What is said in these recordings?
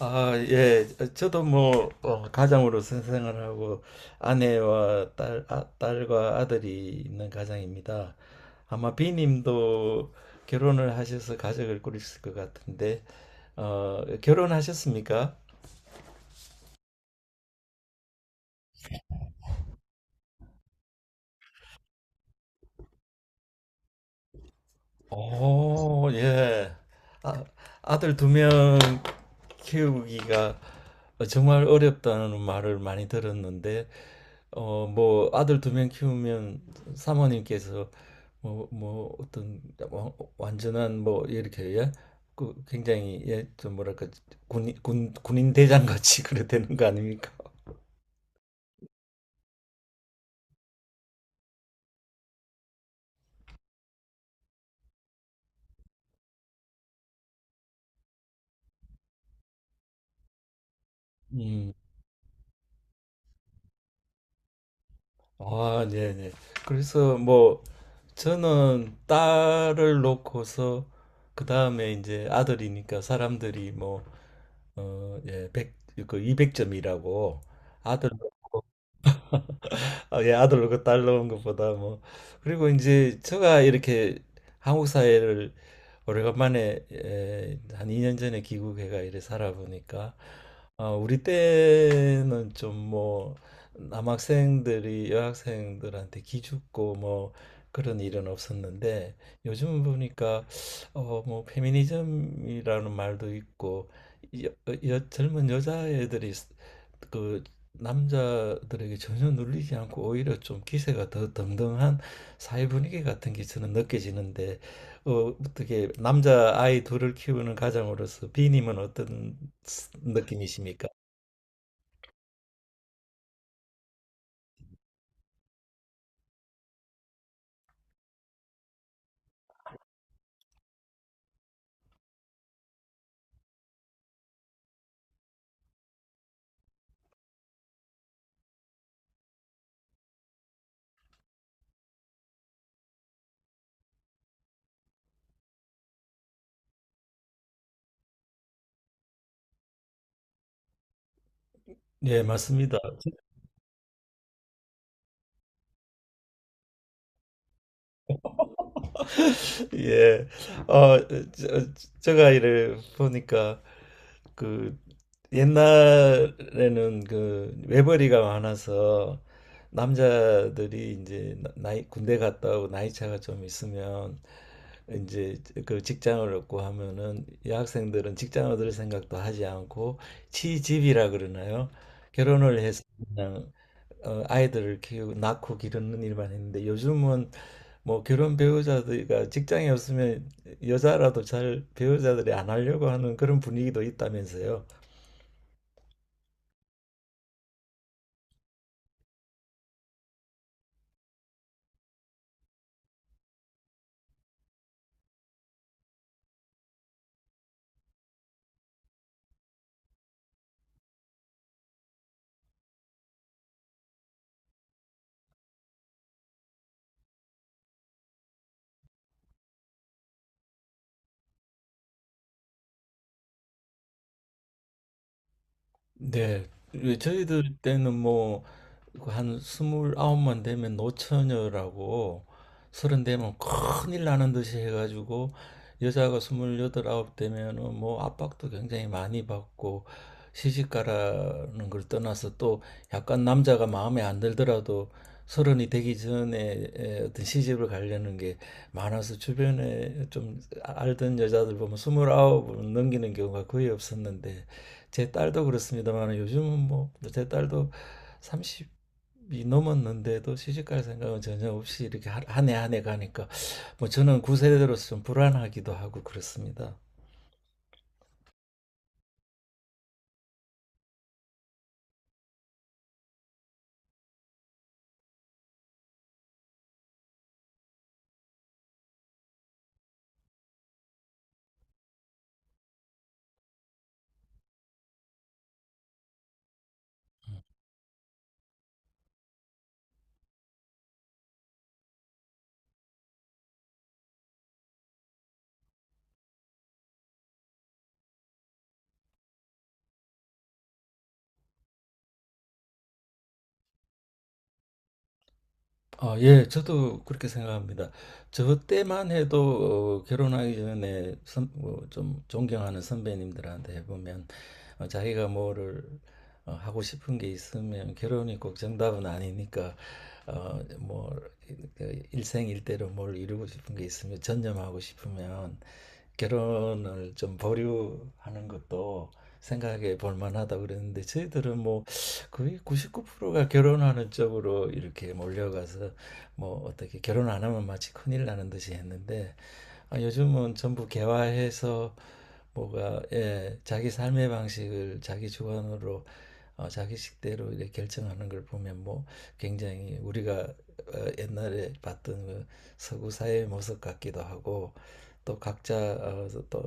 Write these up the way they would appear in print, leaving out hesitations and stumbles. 아, 예. 저도 뭐 가장으로 생활을 하고 아내와 딸과 아들이 있는 가장입니다. 아마 비님도 결혼을 하셔서 가족을 꾸리실 것 같은데 결혼하셨습니까? 오, 예. 아, 아들 두명 키우기가 정말 어렵다는 말을 많이 들었는데 뭐 아들 두 명 키우면 사모님께서 뭐 어떤 와- 완전한 뭐 이렇게 예? 그 굉장히 예, 좀 뭐랄까 군인 대장 같이 그래 되는 거 아닙니까? 음. 아, 네, 네. 그래서 뭐 저는 딸을 놓고서 그 다음에 이제 아들이니까 사람들이 뭐 예, 백그 200점이라고 아들도. 아, 예, 아들 로고딸로온 것보다 뭐. 그리고 이제 제가 이렇게 한국 사회를 오래간만에 한 2년 전에 귀국해가 이래 살아보니까 우리 때는 좀 뭐 남학생들이 여학생들한테 기죽고 뭐 그런 일은 없었는데 요즘 보니까 뭐 페미니즘이라는 말도 있고 여, 젊은 여자애들이 그 남자들에게 전혀 눌리지 않고 오히려 좀 기세가 더 등등한 사회 분위기 같은 게 저는 느껴지는데 어, 어떻게 남자 아이 둘을 키우는 가장으로서 비님은 어떤 느낌이십니까? 네, 맞습니다. 예. 어, 저, 제가 이를 보니까 그 옛날에는 그 외벌이가 많아서 남자들이 이제 나이 군대 갔다 오고 나이 차가 좀 있으면 이제 그 직장을 얻고 하면은 여학생들은 직장 얻을 생각도 하지 않고 취집이라 그러나요? 결혼을 해서 그냥 아이들을 키우고 낳고 기르는 일만 했는데 요즘은 뭐 결혼 배우자들이 직장에 없으면 여자라도 잘 배우자들이 안 하려고 하는 그런 분위기도 있다면서요. 네. 왜 저희들 때는 뭐 그 한 스물아홉만 되면 노처녀라고 서른 되면 큰일 나는 듯이 해가지고 여자가 스물여덟 아홉 되면은 뭐 압박도 굉장히 많이 받고 시집가라는 걸 떠나서 또 약간 남자가 마음에 안 들더라도 서른이 되기 전에 어떤 시집을 가려는 게 많아서 주변에 좀 알던 여자들 보면 스물아홉을 넘기는 경우가 거의 없었는데 제 딸도 그렇습니다만 요즘은 뭐 제 딸도 30 이 넘었는데도 시집갈 생각은 전혀 없이 이렇게 한 해 한 해 가니까 뭐 저는 구세대로서 좀 불안하기도 하고 그렇습니다. 아, 예, 저도 그렇게 생각합니다. 저 때만 해도 결혼하기 전에 좀 존경하는 선배님들한테 해보면 자기가 뭐를 하고 싶은 게 있으면 결혼이 꼭 정답은 아니니까 뭐 그 일생일대로 뭘 이루고 싶은 게 있으면 전념하고 싶으면 결혼을 좀 보류하는 것도 생각해 볼 만하다 그랬는데 저희들은 뭐 거의 99%가 결혼하는 쪽으로 이렇게 몰려가서 뭐 어떻게 결혼 안 하면 마치 큰일 나는 듯이 했는데 아, 요즘은 전부 개화해서 뭐가 예, 자기 삶의 방식을 자기 주관으로 자기 식대로 이렇게 결정하는 걸 보면 뭐 굉장히 우리가 옛날에 봤던 그 서구 사회의 모습 같기도 하고 또 각자 또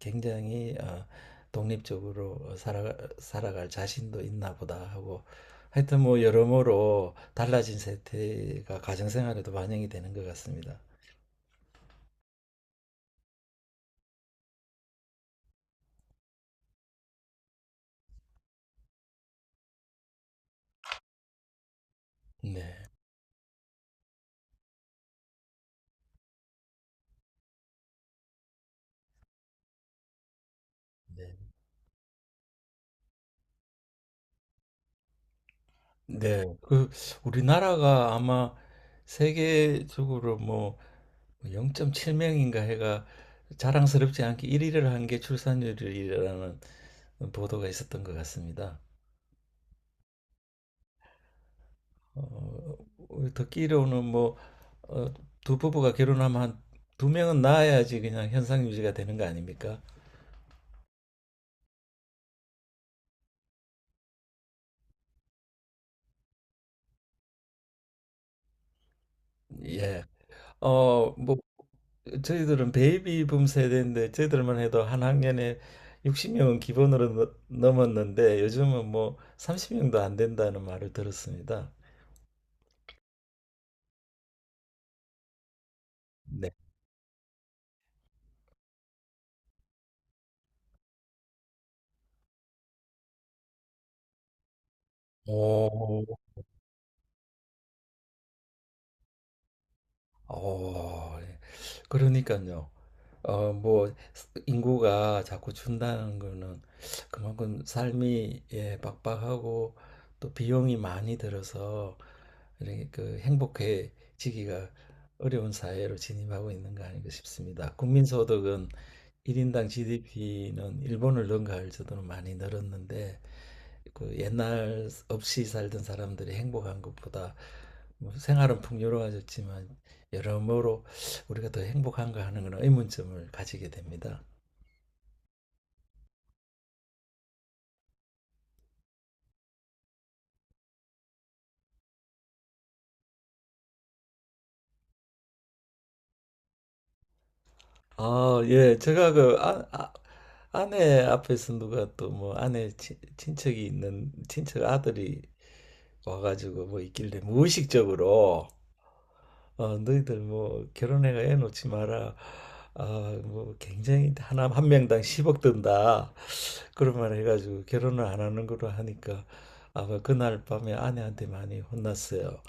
굉장히 독립적으로 살아갈 자신도 있나 보다 하고 하여튼 뭐 여러모로 달라진 세태가 가정생활에도 반영이 되는 것 같습니다. 네. 네. 네. 그 우리나라가 아마 세계적으로 뭐 0.7명인가 해가 자랑스럽지 않게 1위를 한 게 출산율이라는 보도가 있었던 것 같습니다. 어, 듣기로는 뭐 어, 두 부부가 결혼하면 한 두 명은 낳아야지 그냥 현상 유지가 되는 거 아닙니까? 예. 뭐 저희들은 베이비붐 세대인데 저희들만 해도 한 학년에 60명은 기본으로 넘었는데 요즘은 뭐 30명도 안 된다는 말을 들었습니다. 네. 오, 어, 그러니까요. 뭐, 인구가 자꾸 준다는 거는 그만큼 삶이, 예, 빡빡하고 또 비용이 많이 들어서 이렇게 그 행복해지기가 어려운 사회로 진입하고 있는 거 아닌가 싶습니다. 국민소득은 1인당 GDP는 일본을 능가할 정도로 많이 늘었는데 그 옛날 없이 살던 사람들이 행복한 것보다 뭐 생활은 풍요로워졌지만 여러모로 우리가 더 행복한가 하는 그런 의문점을 가지게 됩니다. 아, 예. 제가 그 아내 앞에서 누가 또 뭐 아내 친척이 있는 친척 아들이 와가지고 뭐 있길래 무의식적으로 너희들 뭐 결혼해가 애 놓지 마라. 아, 뭐 굉장히 하나 한 명당 10억 든다. 그런 말 해가지고 결혼을 안 하는 거로 하니까 아마 그날 밤에 아내한테 많이 혼났어요.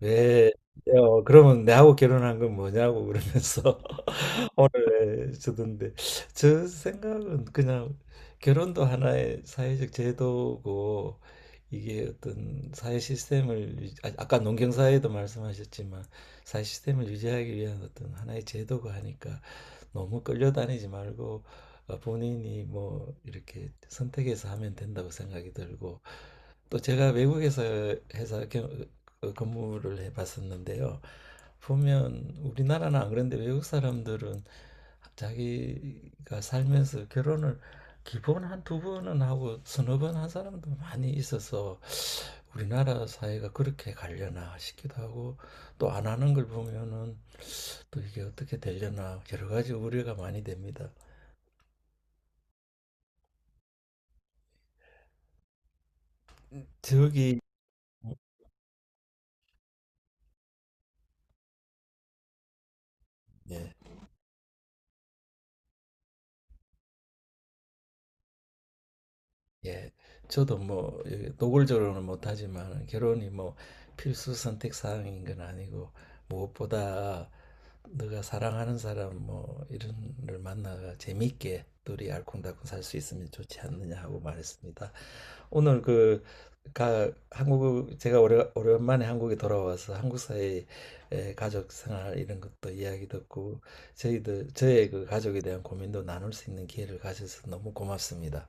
왜? 그러면 내하고 결혼한 건 뭐냐고 그러면서 오늘 왜 주던데 저 생각은 그냥 결혼도 하나의 사회적 제도고 이게 어떤 사회 시스템을 아까 농경사회도 말씀하셨지만 사회 시스템을 유지하기 위한 어떤 하나의 제도고 하니까 너무 끌려다니지 말고 본인이 뭐 이렇게 선택해서 하면 된다고 생각이 들고 또 제가 외국에서 회사 근무를 해봤었는데요. 보면 우리나라는 안 그런데 외국 사람들은 자기가 살면서 결혼을 기본 한 두 번은 하고 서너 번 한 사람도 많이 있어서 우리나라 사회가 그렇게 가려나 싶기도 하고 또 안 하는 걸 보면은 또 이게 어떻게 되려나 여러 가지 우려가 많이 됩니다. 저기 예, 예. 저도 뭐 예, 노골적으로는 못하지만 결혼이 뭐 필수 선택 사항인 건 아니고 무엇보다 네가 사랑하는 사람 뭐 이런 걸 만나가 재밌게 둘이 알콩달콩 살 수 있으면 좋지 않느냐 하고 말했습니다. 오늘 그 한국 제가 오랜만에 한국에 돌아와서 한국 사회의 가족 생활 이런 것도 이야기 듣고 저희들 저의 그 가족에 대한 고민도 나눌 수 있는 기회를 가져서 너무 고맙습니다.